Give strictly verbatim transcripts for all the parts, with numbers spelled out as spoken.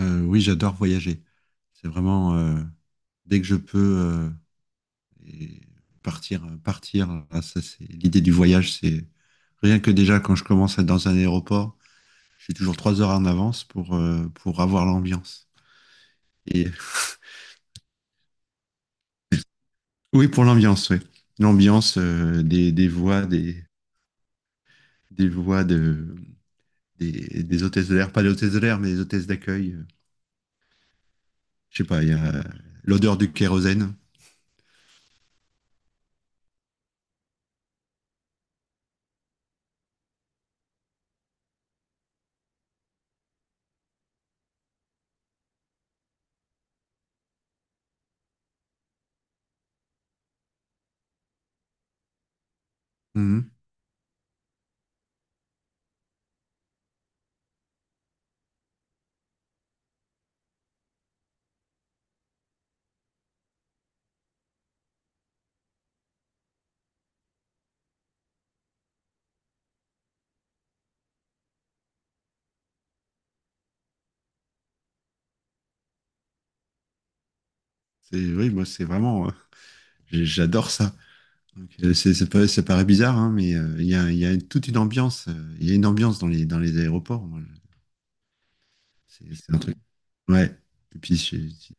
Euh, oui, j'adore voyager. C'est vraiment euh, dès que je peux euh, et partir, partir. Là, ça, c'est l'idée du voyage. C'est rien que déjà quand je commence à être dans un aéroport, je suis toujours trois heures en avance pour euh, pour avoir l'ambiance. Et oui, pour l'ambiance, oui. L'ambiance euh, des, des voix, des des voix de des, des hôtesses de l'air, pas des hôtesses de l'air, mais des hôtesses d'accueil. Euh, Je sais pas, il y a l'odeur du kérosène. Mhm. C'est, oui, moi, c'est vraiment, euh, j'adore ça. Donc, euh, c'est- ça paraît, ça paraît bizarre, hein, mais euh, il y a, il y a toute une ambiance. euh, Il y a une ambiance dans les, dans les aéroports. moi, je- C'est c'est un truc. Ouais. Et puis, c'est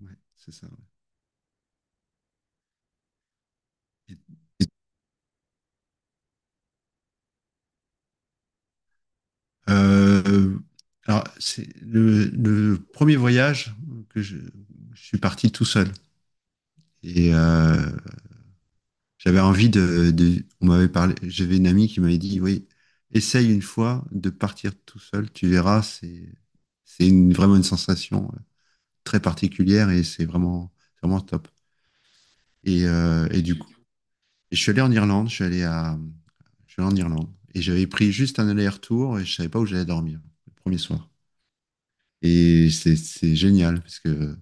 ouais, c'est ça, ouais. Et- euh, alors, c'est le, le premier voyage que je, je suis parti tout seul. Et euh, J'avais envie de, de- On m'avait parlé. J'avais une amie qui m'avait dit, oui, essaye une fois de partir tout seul. Tu verras, c'est c'est une, vraiment une sensation très particulière, et c'est vraiment, vraiment top. Et, euh, et du coup, et je suis allé en Irlande. Je suis allé, à, je suis allé en Irlande et j'avais pris juste un aller-retour et je savais pas où j'allais dormir le premier soir. Et c'est c'est génial parce que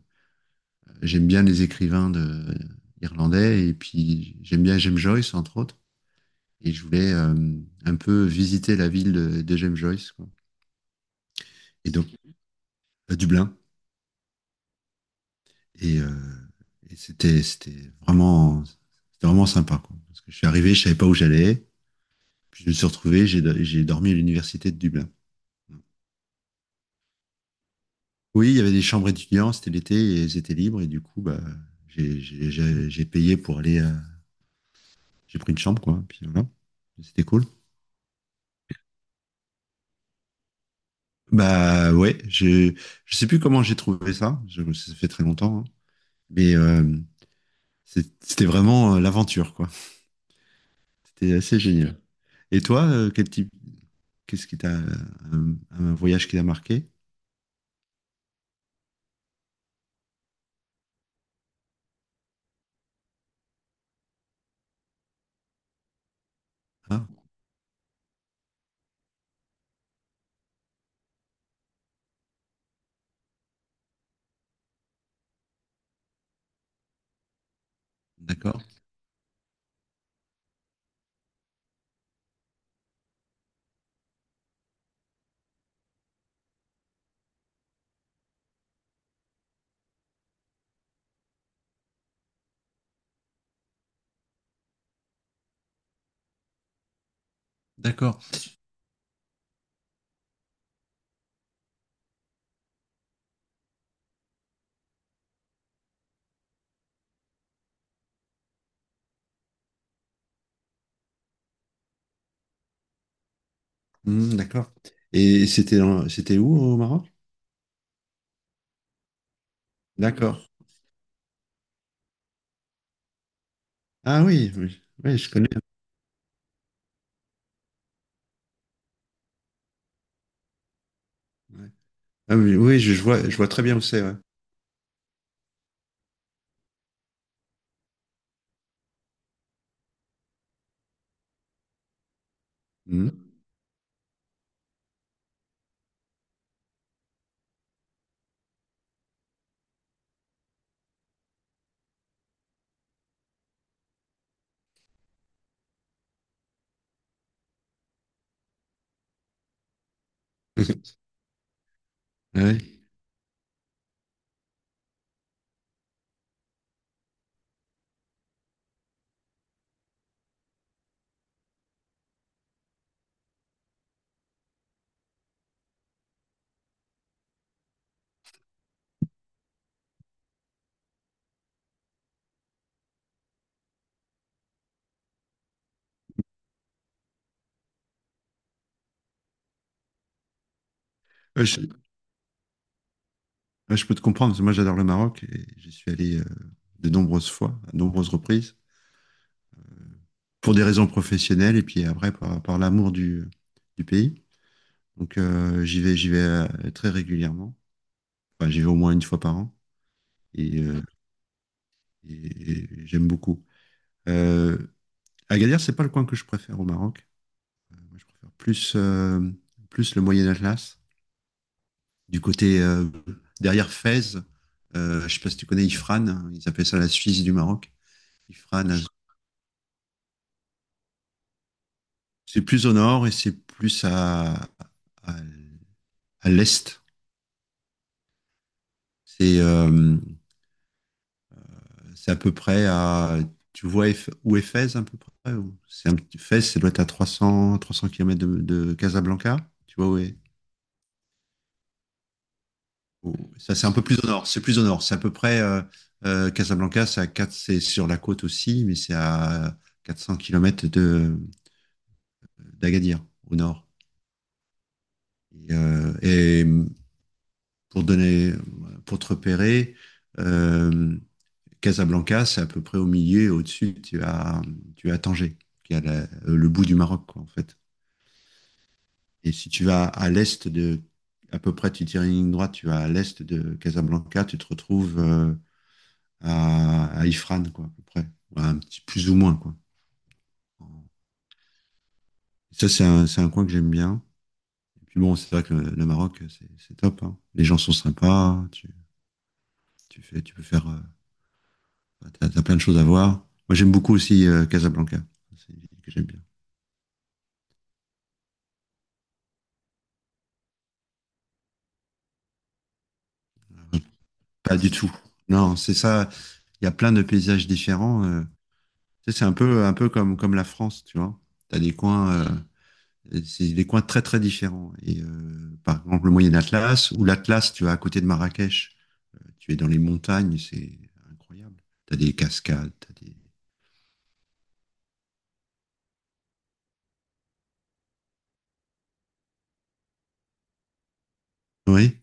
j'aime bien les écrivains de, irlandais, et puis j'aime bien James Joyce, entre autres. Et je voulais euh, un peu visiter la ville de, de James Joyce, quoi. Et donc à Dublin. Et, euh, et c'était c'était vraiment c'était vraiment sympa, quoi. Parce que je suis arrivé, je savais pas où j'allais. Puis je me suis retrouvé, j'ai j'ai dormi à l'université de Dublin. Oui, il y avait des chambres étudiants, c'était l'été, et elles étaient libres, et du coup, bah, j'ai- j'ai j'ai- j'ai payé pour aller, euh, j'ai pris une chambre, quoi, puis voilà, c'était cool. Bah ouais, je je sais plus comment j'ai trouvé ça, je, ça fait très longtemps, hein. Mais euh, c'est- c'était vraiment euh, l'aventure, quoi. C'était assez génial. Et toi, euh, quel type, qu'est-ce qui t'a, euh, un, un voyage qui t'a marqué? Ah, d'accord, d'accord. Hmm, d'accord. Et c'était en- c'était où au Maroc? D'accord. Ah oui, oui, oui, je connais. Ouais. Ah oui, oui, je, je vois, je vois très bien où c'est, ouais. Hmm. Ouais. Ouais, je, ouais, je peux te comprendre, parce que moi j'adore le Maroc et j'y suis allé euh, de nombreuses fois, à de nombreuses reprises, pour des raisons professionnelles et puis après par, par l'amour du, du pays. Donc euh, j'y vais, j'y vais euh, très régulièrement. Enfin, j'y vais au moins une fois par an et, euh, et- et j'aime beaucoup. Euh, Agadir, c'est pas le coin que je préfère au Maroc. Euh, Moi, je préfère plus, euh, plus le Moyen Atlas. Du côté euh, derrière Fès, euh, je sais pas si tu connais Ifrane, hein, ils appellent ça la Suisse du Maroc. Ifrane, c'est plus au nord et c'est plus à, à, à l'est. C'est euh, c'est à peu près à. Tu vois Eph- où est Fès à peu près? ou- C'est un petit Fès, ça doit être à trois cents trois cents kilomètres de, de Casablanca. Tu vois où est, oh, ça, c'est un peu plus au nord. C'est plus au nord. C'est à peu près euh, euh, Casablanca, c'est à quatre c'est sur la côte aussi, mais c'est à quatre cents kilomètres de d'Agadir, au nord. Et, euh, et pour donner, pour te repérer, euh, Casablanca, c'est à peu près au milieu, et au-dessus, tu as, tu as Tanger, qui est à la- euh, le bout du Maroc, quoi, en fait. Et si tu vas à l'est de, à peu près, tu tires une ligne droite, tu vas à l'est de Casablanca, tu te retrouves euh, à, à Ifran, quoi, à peu près. Voilà, un petit plus ou moins, quoi. Ça, c'est un, c'est un coin que j'aime bien. Et puis bon, c'est vrai que le, le Maroc, c'est, c'est top, hein. Les gens sont sympas. Tu, tu fais, tu peux faire, euh, t'as, t'as plein de choses à voir. Moi, j'aime beaucoup aussi euh, Casablanca. C'est une ville que j'aime bien. Pas du tout. Non, c'est ça. Il y a plein de paysages différents. euh. Tu sais, c'est un peu, un peu comme, comme la France, tu vois. T'as des coins, euh, c'est des coins très très différents. Et euh, par exemple, le Moyen Atlas ou l'Atlas, tu vois, à côté de Marrakech. Tu es dans les montagnes, c'est incroyable. Tu as des cascades, tu as des. Oui.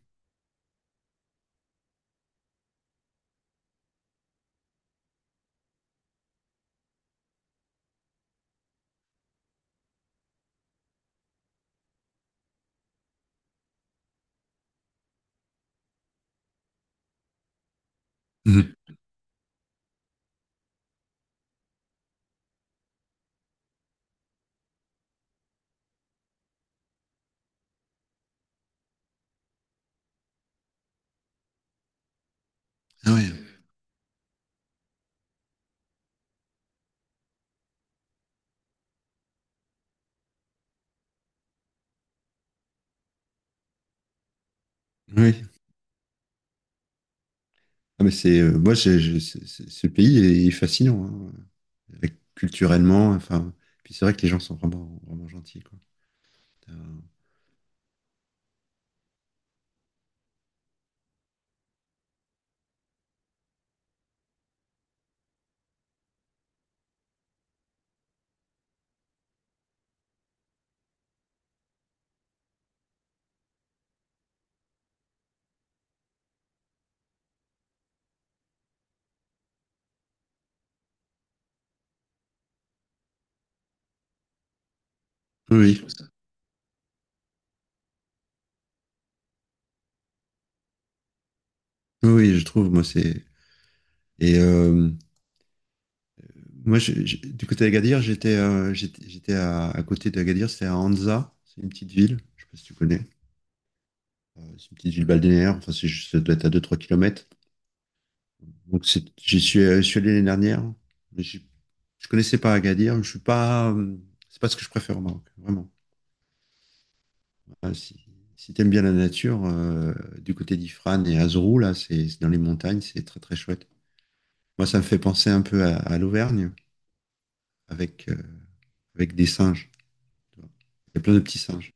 Mmh. Oui, oui. Ah, mais c'est, euh, moi, j'ai- j'ai- c'est- c'est- ce pays est fascinant, hein. Avec- culturellement. Enfin, puis c'est vrai que les gens sont vraiment, vraiment gentils, quoi. T'as- Oui, oui, oui, oui, je trouve, moi, c'est. Et euh, Moi, je- je- du côté d'Agadir, j'étais euh, j'étais j'étais à, à côté d'Agadir, c'était à Anza, c'est une petite ville, je sais pas si tu connais. Euh, c'est une petite ville balnéaire, enfin, c'est juste, ça doit être à deux, trois kilomètres. Donc c'est- j'y suis, euh, je suis allé l'année dernière, mais je je connaissais pas Agadir. Je suis pas, euh, C'est pas ce que je préfère au Maroc, vraiment. Ah, si si t'aimes bien la nature, euh, du côté d'Ifrane et Azrou, là, c'est c'est dans les montagnes, c'est très très chouette. Moi, ça me fait penser un peu à, à l'Auvergne avec euh, avec des singes, tu vois. Il y a plein de petits singes.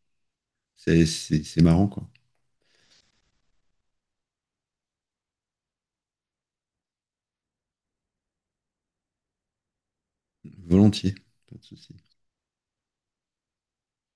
C'est c'est c'est marrant, quoi. Volontiers, pas de souci.